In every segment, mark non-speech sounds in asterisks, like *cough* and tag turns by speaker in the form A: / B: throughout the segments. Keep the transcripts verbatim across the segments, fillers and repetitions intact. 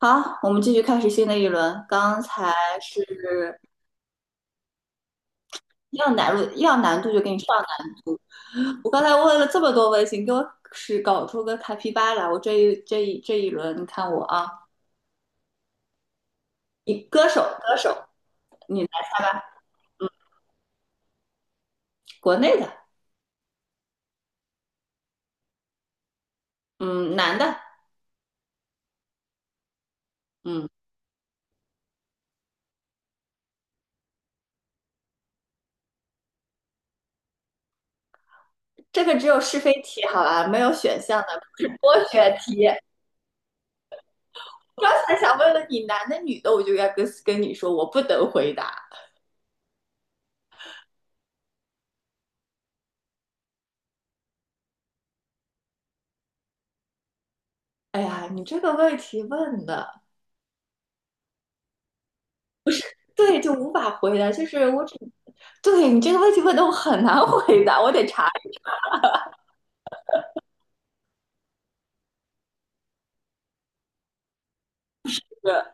A: 好，我们继续开始新的一轮。刚才。是，要难度，要难度就给你上难度。我刚才问了这么多问题，你给我是搞出个卡皮巴来。我这一这一这一轮，你看我啊，你歌手歌手，你国内的，嗯，男的，嗯，这个只有是非题，好吧，没有选项的，不是多选题。刚才想问问你男的女的，我就该跟跟你说我不能回答。哎呀，你这个问题问的。对，就无法回答，就是我只，对你这个问题问的我很难回答，我得查一个。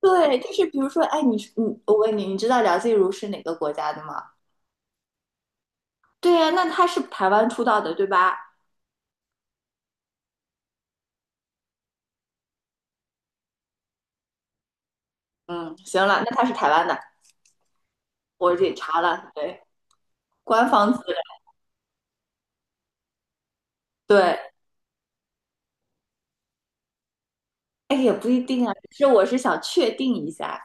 A: 对，就是比如说，哎，你你我问你，你知道梁静茹是哪个国家的吗？对呀、那她是台湾出道的，对吧？嗯，行了，那她是台湾的，我得查了，对，官方资料，对，哎，也不一定啊，只是我是想确定一下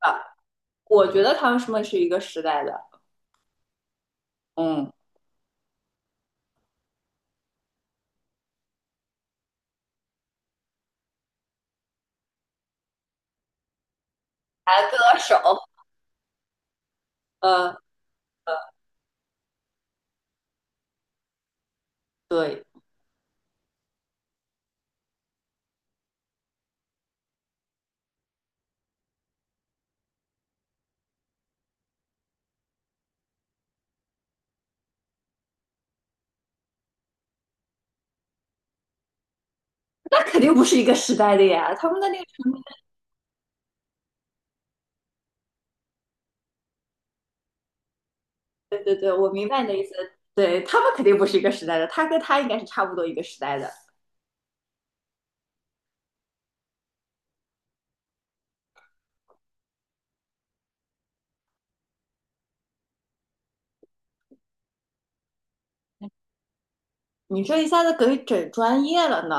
A: 啊，我觉得他们是不是一个时代的，嗯，歌手，呃，对，那肯定不是一个时代的呀，他们的那对对对，我明白你的意思。对，他们肯定不是一个时代的，他跟他应该是差不多一个时代的。你这一下子给整专业了呢，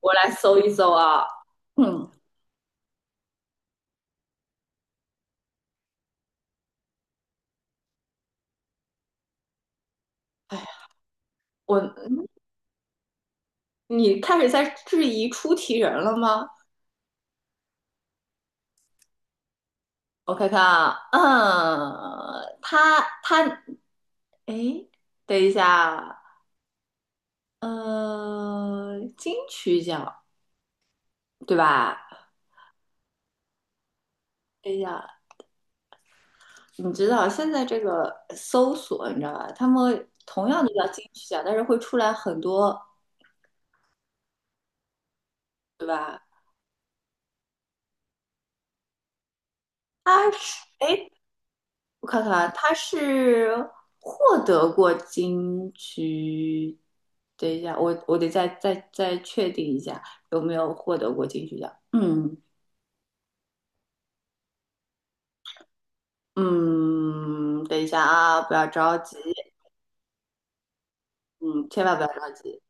A: 我来搜一搜啊。嗯，哎呀，我你开始在质疑出题人了吗？我看看啊，嗯，他他，哎，等一下啊，嗯、金曲奖对吧？等一下，你知道现在这个搜索，你知道吧？他们同样的叫金曲奖，但是会出来很多，对吧？他是，哎，我看看啊，他是获得过金曲，等一下，我我得再再再确定一下有没有获得过金曲奖。嗯嗯，等一下啊，不要着急，嗯，千万不要着急。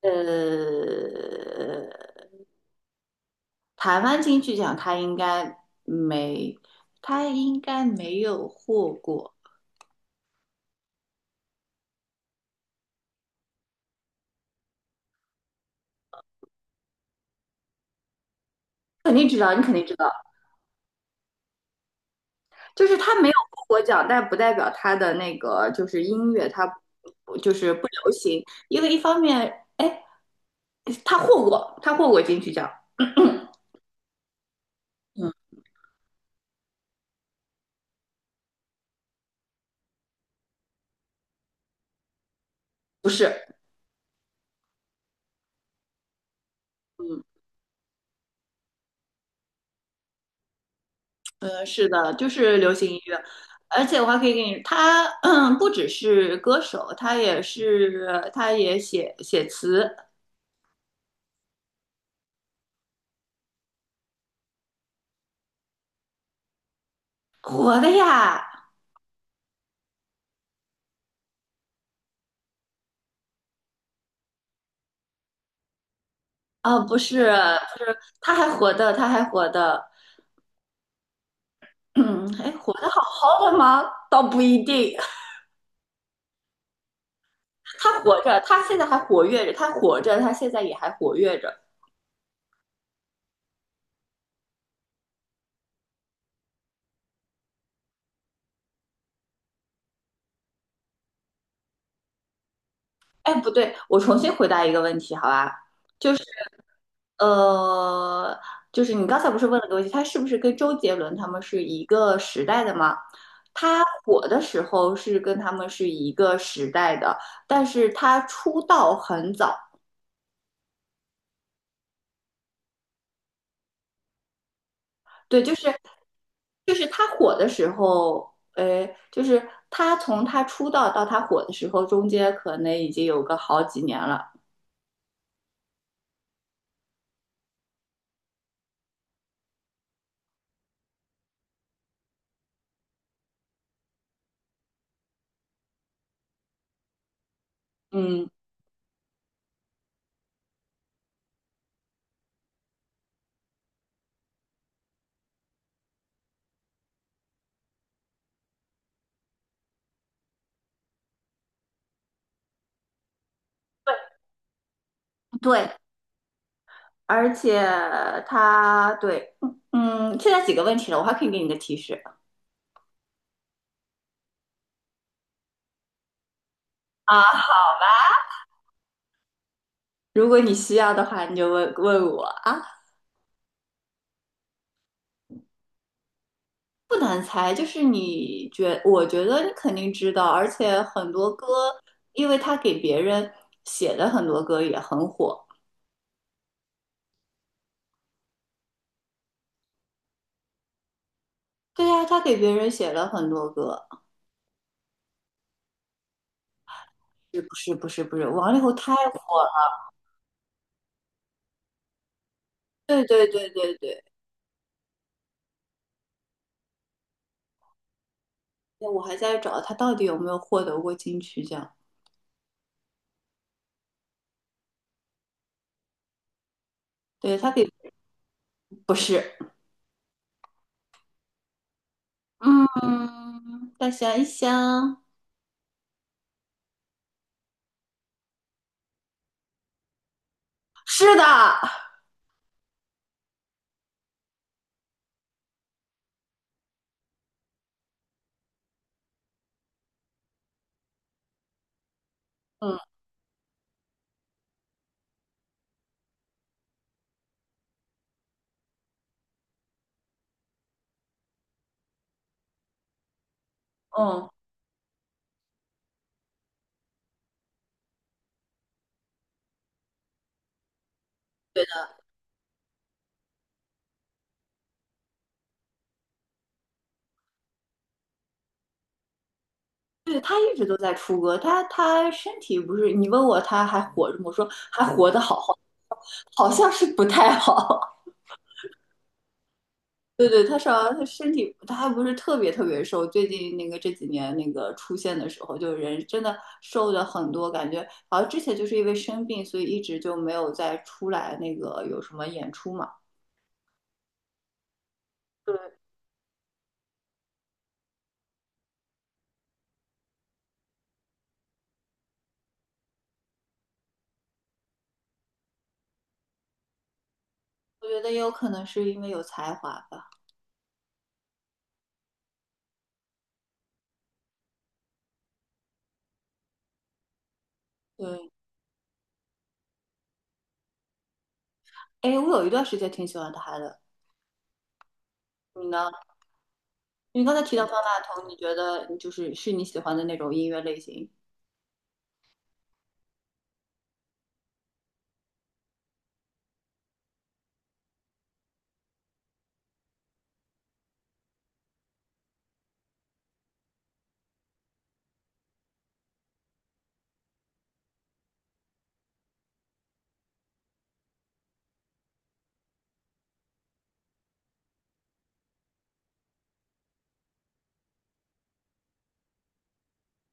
A: 呃，台湾金曲奖他应该没，他应该没有获过，肯定知道，你肯定知道，就是他没有获过奖，但不代表他的那个就是音乐他不就是不流行，因为一方面，哎，他获过，他获过金曲奖，*clears throat* 嗯，不是，嗯呃，是的，就是流行音乐。而且我还可以给你，他嗯 *clears throat* 不只是歌手，他也是，他也写写词，火的呀。啊，不是，他还活的，他还活的，嗯，还活得好好的吗？倒不一定，他活着，他现在还活跃着，他活着，他现在也还活跃着。哎，不对，我重新回答一个问题，好吧？呃，就是你刚才不是问了个问题，他是不是跟周杰伦他们是一个时代的吗？他火的时候是跟他们是一个时代的，但是他出道很早，对，就是就是他火的时候，呃，就是他从他出道到他火的时候，中间可能已经有个好几年了。嗯，对，而且他对，嗯，现在几个问题了，我还可以给你个提示啊。*laughs* 如果你需要的话，你就问问我啊，不难猜，就是你觉，我觉得你肯定知道，而且很多歌，因为他给别人写的很多歌也很火。对呀、他给别人写了很多歌，是不是不是不是，王力宏太火了，对对对对对，我还在找他到底有没有获得过金曲奖，对他给不是，嗯，再想一想，是的，嗯嗯，对的，对他一直都在出歌，他他身体不是，你问我他还活着吗？我说还活得好好，好像是不太好，对对，他是好他身体他还不是特别特别瘦，最近那个这几年那个出现的时候，就人真的瘦的很多，感觉好像之前就是因为生病，所以一直就没有再出来那个有什么演出嘛。对，我觉得也有可能是因为有才华吧。对，哎，我有一段时间挺喜欢他的，你呢？你刚才提到方大同，你觉得就是是你喜欢的那种音乐类型？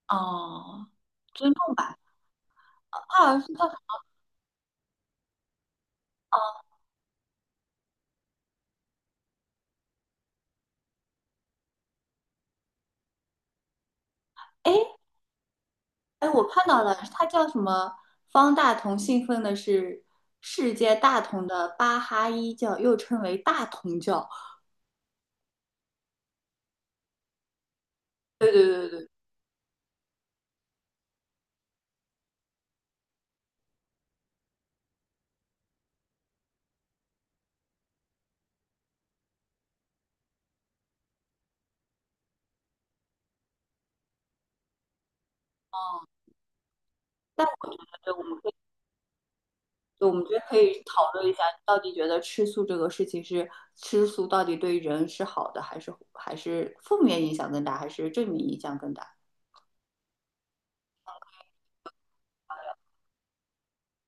A: 哦，尊重吧，他好像是他，哎，哎，我看到了，它叫什么？方大同信奉的是世界大同的巴哈伊教，又称为大同教。对对对对，嗯，但我觉得我们可以，对我们觉得可以讨论一下，到底觉得吃素这个事情是吃素到底对人是好的，还是还是负面影响更大，还是正面影响更大？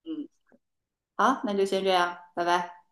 A: 嗯，好，那就先这样，拜拜。